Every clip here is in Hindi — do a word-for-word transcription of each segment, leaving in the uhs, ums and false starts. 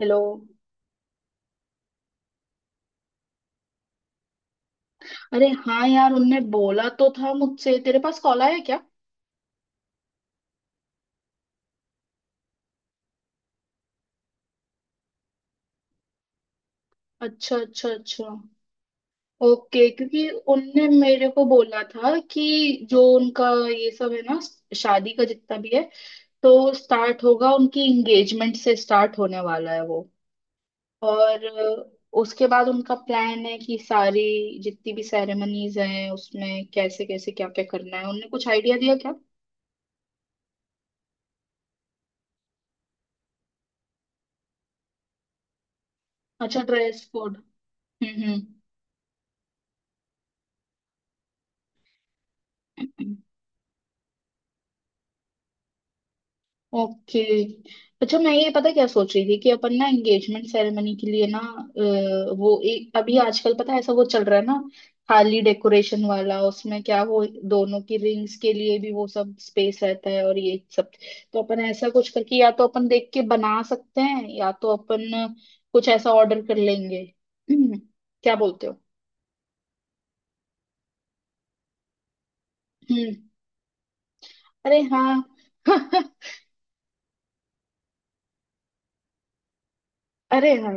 हेलो। अरे हाँ यार उनने बोला तो था मुझसे। तेरे पास कॉल आया क्या? अच्छा अच्छा अच्छा। ओके, क्योंकि उनने मेरे को बोला था कि जो उनका ये सब है ना, शादी का जितना भी है, तो स्टार्ट होगा, उनकी एंगेजमेंट से स्टार्ट होने वाला है वो। और अ, उसके बाद उनका प्लान है कि सारी जितनी भी सेरेमनीज हैं, उसमें कैसे कैसे क्या क्या करना है, उनने कुछ आइडिया दिया क्या? अच्छा, ड्रेस कोड। हम्म। हम्म। ओके। अच्छा, मैं ये पता क्या सोच रही थी कि अपन ना एंगेजमेंट सेरेमनी के लिए ना अ, वो एक अभी आजकल पता है ऐसा वो चल रहा है ना, खाली डेकोरेशन वाला, उसमें क्या वो दोनों की रिंग्स के लिए भी वो सब स्पेस रहता है और ये सब। तो अपन ऐसा कुछ करके या तो अपन देख के बना सकते हैं या तो अपन कुछ ऐसा ऑर्डर कर लेंगे। हम्म, क्या बोलते हो? हम्म। अरे हाँ। अरे हाँ,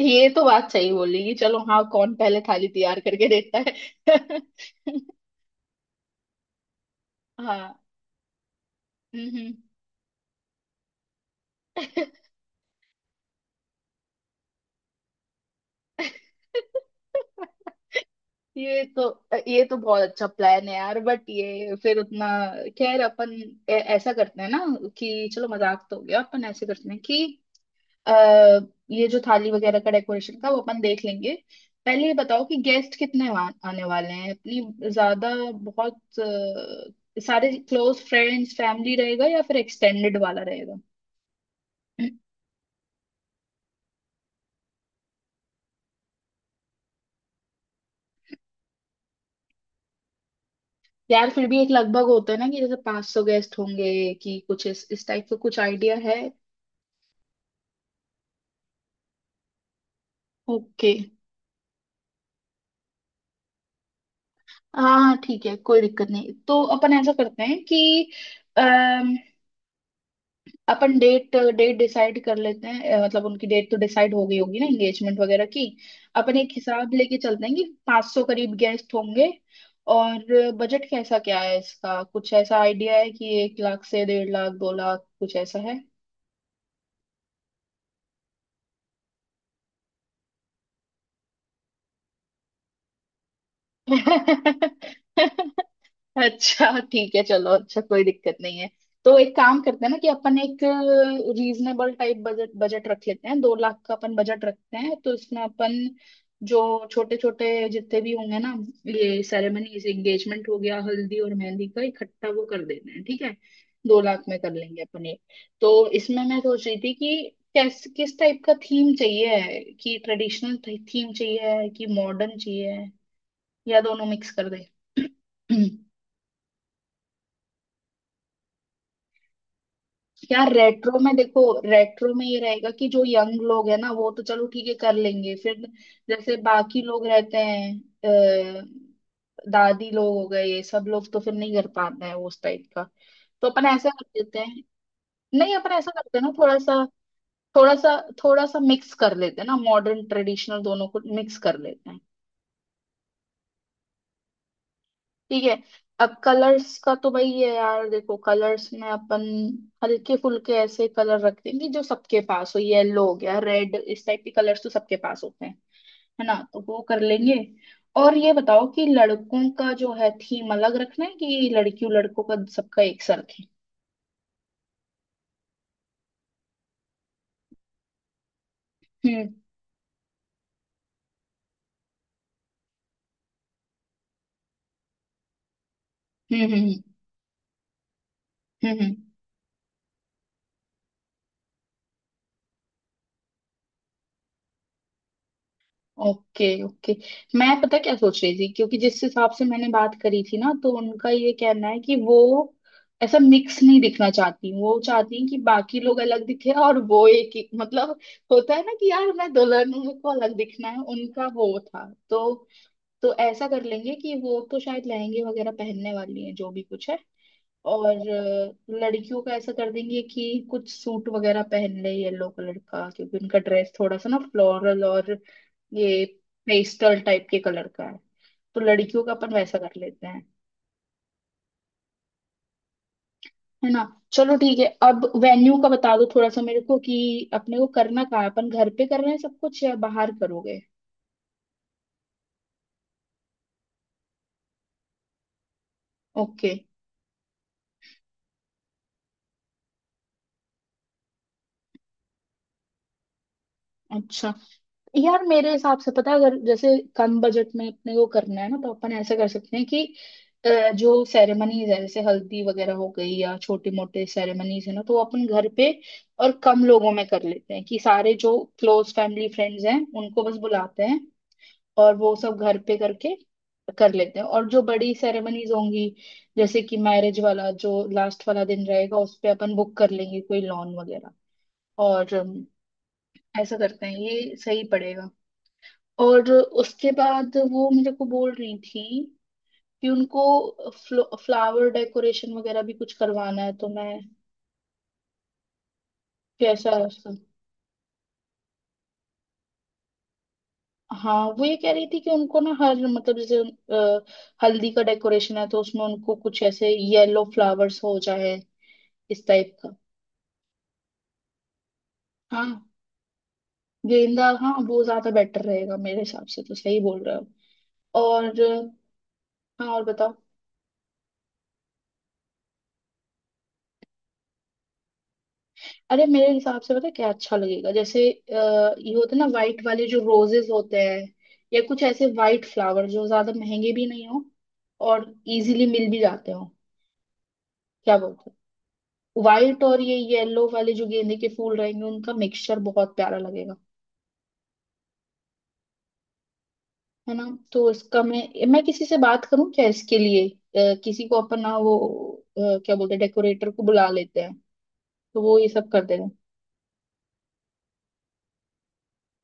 ये तो बात सही बोली कि चलो, हाँ, कौन पहले थाली तैयार करके देता है। हाँ। हम्म। ये तो ये तो बहुत अच्छा प्लान है यार, बट ये फिर उतना, खैर अपन ऐ- ऐसा करते हैं ना कि चलो मजाक तो हो गया। अपन ऐसे करते हैं कि अः ये जो थाली वगैरह का डेकोरेशन का, वो अपन देख लेंगे। पहले ये बताओ कि गेस्ट कितने वा- आने वाले हैं अपनी? ज्यादा बहुत अ, सारे क्लोज फ्रेंड्स फैमिली रहेगा या फिर एक्सटेंडेड वाला रहेगा? यार फिर भी एक लगभग होता है ना कि जैसे पाँच सौ गेस्ट होंगे कि कुछ इस इस टाइप का कुछ आइडिया है? ओके। हाँ हाँ, ठीक है, कोई दिक्कत नहीं। तो अपन ऐसा करते हैं कि अपन डेट डेट डिसाइड कर लेते हैं। अ, मतलब उनकी डेट तो डिसाइड हो गई होगी ना एंगेजमेंट वगैरह की। अपन एक हिसाब लेके चलते हैं कि पाँच सौ करीब गेस्ट होंगे। और बजट कैसा क्या है, इसका कुछ ऐसा आइडिया है कि एक लाख से डेढ़ लाख, दो लाख कुछ ऐसा है? अच्छा। ठीक है, चलो, अच्छा, कोई दिक्कत नहीं है। तो एक काम करते हैं ना कि अपन एक रीजनेबल टाइप बजट बजट रख लेते हैं। दो लाख का अपन बजट रखते हैं, तो इसमें अपन, जो छोटे छोटे जितने भी होंगे ना, ये सेरेमनीज, एंगेजमेंट हो गया, हल्दी और मेहंदी का इकट्ठा, वो कर देते हैं, ठीक है? दो लाख में कर लेंगे अपन ये। तो इसमें मैं सोच रही थी कि कैस किस टाइप का थीम चाहिए है, कि ट्रेडिशनल थीम चाहिए है कि मॉडर्न चाहिए है, या दोनों मिक्स कर दे। यार रेट्रो में देखो, रेट्रो में ये रहेगा कि जो यंग लोग है ना, वो तो चलो ठीक है कर लेंगे, फिर जैसे बाकी लोग रहते हैं अ, दादी लोग हो गए ये सब लोग, तो फिर नहीं कर पाते हैं वो उस टाइप का। तो अपन ऐसा कर देते हैं, नहीं अपन ऐसा करते हैं ना, थोड़ा सा थोड़ा सा, थोड़ा सा मिक्स कर लेते हैं ना, मॉडर्न ट्रेडिशनल दोनों को मिक्स कर लेते हैं। ठीक है। अब कलर्स का तो भाई है यार, देखो कलर्स में अपन हल्के फुल्के ऐसे कलर रख देंगे जो सबके पास हो। येलो हो गया, रेड, इस टाइप के कलर्स तो सबके पास होते हैं, है ना, तो वो कर लेंगे। और ये बताओ कि लड़कों का जो है थीम अलग रखना है, कि लड़कियों लड़कों का सबका एक सा रखें? हम्म। हम्म। हम्म। हम्म। हम्म। Okay okay. मैं पता क्या सोच रही थी, क्योंकि जिस हिसाब से मैंने बात करी थी ना, तो उनका ये कहना है कि वो ऐसा मिक्स नहीं दिखना चाहती, वो चाहती हैं कि बाकी लोग अलग दिखे और वो एक ही, मतलब होता है ना कि यार मैं दुल्हन हूँ, मेरे को अलग दिखना है, उनका वो था। तो तो ऐसा कर लेंगे कि वो तो शायद लहंगे वगैरह पहनने वाली है जो भी कुछ है। और अ, लड़कियों का ऐसा कर देंगे कि कुछ सूट वगैरह पहन ले येलो कलर का, क्योंकि उनका ड्रेस थोड़ा सा ना फ्लोरल और ये पेस्टल टाइप के कलर का है, तो लड़कियों का अपन वैसा कर लेते हैं, है ना। चलो ठीक है। अब वेन्यू का बता दो थोड़ा सा मेरे को कि अपने को करना कहाँ है, अपन घर पे कर रहे हैं सब कुछ या बाहर करोगे? ओके। अच्छा। यार मेरे हिसाब से पता है, अगर जैसे कम बजट में अपने को करना है ना, तो अपन ऐसा कर सकते हैं कि अ, जो सेरेमनीज है जैसे हल्दी वगैरह हो गई या छोटे मोटे सेरेमनीज है ना, तो वो अपन घर पे और कम लोगों में कर लेते हैं, कि सारे जो क्लोज फैमिली फ्रेंड्स हैं उनको बस बुलाते हैं और वो सब घर पे करके कर लेते हैं। और जो बड़ी सेरेमनीज होंगी, जैसे कि मैरिज वाला जो लास्ट वाला दिन रहेगा, उस पे अपन बुक कर लेंगे कोई लॉन वगैरह। और अम, ऐसा करते हैं, ये सही पड़ेगा। और उसके बाद वो मेरे को बोल रही थी कि उनको फ्लावर डेकोरेशन वगैरह भी कुछ करवाना है, तो मैं, कैसा है उसका? हाँ वो ये कह रही थी कि उनको ना हर मतलब जैसे अ, हल्दी का डेकोरेशन है तो उसमें उनको कुछ ऐसे येलो फ्लावर्स हो जाए, इस टाइप का। हाँ। गेंदा हाँ, वो ज्यादा बेटर रहेगा मेरे हिसाब से, तो सही बोल रहे हो। और हाँ, और बताओ। अरे मेरे हिसाब से पता है क्या अच्छा लगेगा, जैसे अ, ये होते हैं ना वाइट वाले जो रोजेस होते हैं, या कुछ ऐसे वाइट फ्लावर जो ज्यादा महंगे भी नहीं हो और इजीली मिल भी जाते हो। क्या बोलते हो? व्हाइट और ये येलो वाले जो गेंदे के फूल रहेंगे, उनका मिक्सचर बहुत प्यारा लगेगा, है ना। तो इसका मैं, मैं किसी से बात करूं क्या इसके लिए, अ, किसी को अपना वो, अ, क्या बोलते हैं, डेकोरेटर को बुला लेते हैं तो वो ये सब कर देगा।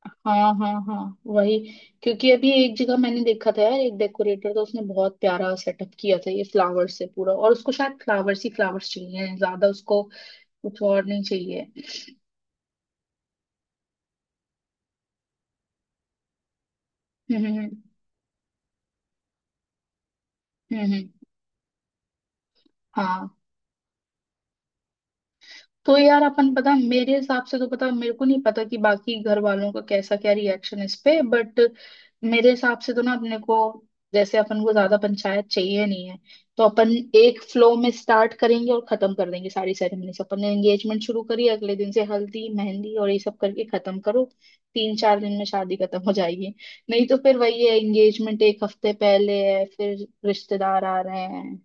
हाँ हाँ हाँ, वही। क्योंकि अभी एक जगह मैंने देखा था यार, एक डेकोरेटर था उसने बहुत प्यारा सेटअप किया था ये फ्लावर्स से पूरा, और उसको शायद फ्लावर्स ही फ्लावर्स चाहिए, ज्यादा उसको कुछ और नहीं चाहिए। हम्म हम्म हम्म। हम्म, हम्म, हाँ। तो यार अपन, पता मेरे हिसाब से तो, पता मेरे को नहीं पता कि बाकी घर वालों का कैसा क्या रिएक्शन है इस पे, बट मेरे हिसाब से तो ना अपने को, जैसे अपन को ज्यादा पंचायत चाहिए नहीं है, तो अपन एक फ्लो में स्टार्ट करेंगे और खत्म कर देंगे सारी सेरेमनीज। अपन ने एंगेजमेंट शुरू करी, अगले दिन से हल्दी मेहंदी और ये सब करके खत्म करो, तीन चार दिन में शादी खत्म हो जाएगी। नहीं तो फिर वही है, एंगेजमेंट एक हफ्ते पहले है, फिर रिश्तेदार आ रहे हैं।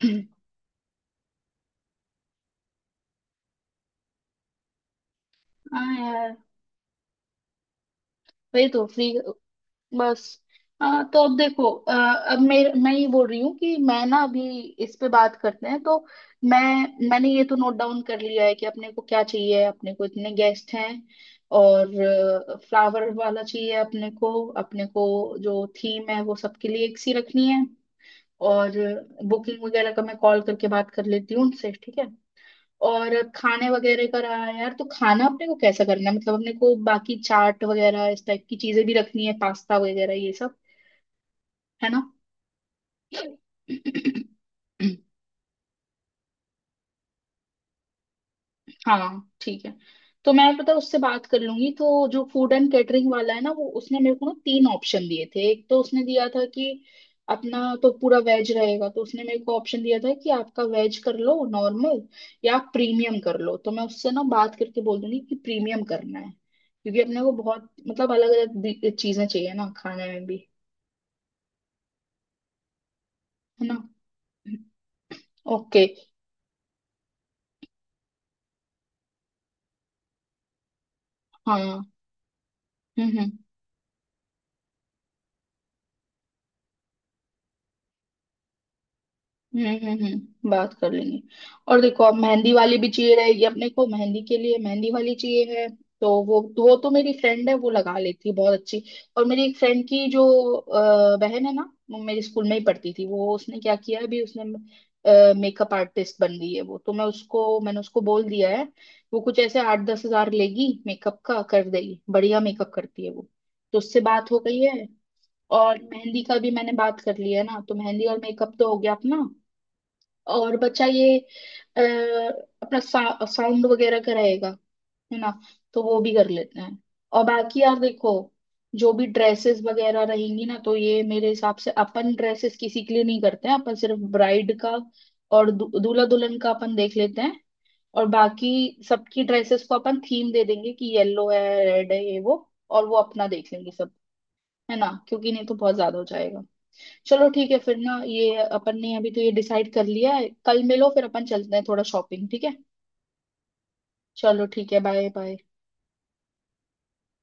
हाँ यार, वही तो फ्री, बस। आ, तो अब देखो, आ, अब मेर, मैं ये बोल रही हूँ कि मैं ना अभी इस पे बात करते हैं, तो मैं मैंने ये तो नोट डाउन कर लिया है कि अपने को क्या चाहिए, अपने को इतने गेस्ट हैं और फ्लावर वाला चाहिए अपने को, अपने को जो थीम है वो सबके लिए एक सी रखनी है, और बुकिंग वगैरह का मैं कॉल करके बात कर लेती हूँ उनसे, ठीक है। और खाने वगैरह का रहा है यार, तो खाना अपने को कैसा करना है, मतलब अपने को बाकी चाट वगैरह इस टाइप की चीजें भी रखनी है, पास्ता वगैरह ये सब, है ना। हाँ ठीक है। तो मैं पता उससे बात कर लूंगी। तो जो फूड एंड कैटरिंग वाला है ना, वो उसने मेरे को ना तीन ऑप्शन दिए थे। एक तो उसने दिया था कि अपना तो पूरा वेज रहेगा, तो उसने मेरे को ऑप्शन दिया था कि आपका वेज कर लो नॉर्मल या आप प्रीमियम कर लो, तो मैं उससे ना बात करके बोल दूंगी कि प्रीमियम करना है, क्योंकि अपने को बहुत मतलब अलग अलग चीजें चाहिए ना खाने में भी, है ना। ओके। हाँ। हम्म हम्म हम्म हम्म। हम्म, बात कर लेंगे। और देखो, अब मेहंदी वाली भी चाहिए रहेगी अपने को, मेहंदी के लिए मेहंदी वाली चाहिए है, तो वो तो वो तो मेरी फ्रेंड है, वो लगा लेती है बहुत अच्छी। और मेरी एक फ्रेंड की जो अ, बहन है ना, वो मेरे स्कूल में ही पढ़ती थी, वो उसने क्या किया है अभी, उसने मेकअप आर्टिस्ट बन गई है, वो तो मैं उसको, मैंने उसको बोल दिया है। वो कुछ ऐसे आठ दस हजार लेगी मेकअप का, कर देगी, बढ़िया मेकअप करती है वो, तो उससे बात हो गई है। और मेहंदी का भी मैंने बात कर लिया है ना, तो मेहंदी और मेकअप तो हो गया अपना। और बच्चा ये अ, अपना सा, साउंड वगैरह कराएगा, है ना, तो वो भी कर लेते हैं। और बाकी यार देखो, जो भी ड्रेसेस वगैरह रहेंगी ना, तो ये मेरे हिसाब से अपन ड्रेसेस किसी के लिए नहीं करते हैं, अपन सिर्फ ब्राइड का और दू, दूल्हा दुल्हन का अपन देख लेते हैं। और बाकी सबकी ड्रेसेस को अपन थीम दे देंगे कि येलो है, रेड है, ये वो, और वो अपना देख लेंगे सब, है ना, क्योंकि नहीं तो बहुत ज्यादा हो जाएगा। चलो ठीक है फिर ना, ये अपन ने अभी तो ये डिसाइड कर लिया है, कल मिलो फिर अपन चलते हैं थोड़ा शॉपिंग, ठीक है। चलो ठीक है, बाय बाय।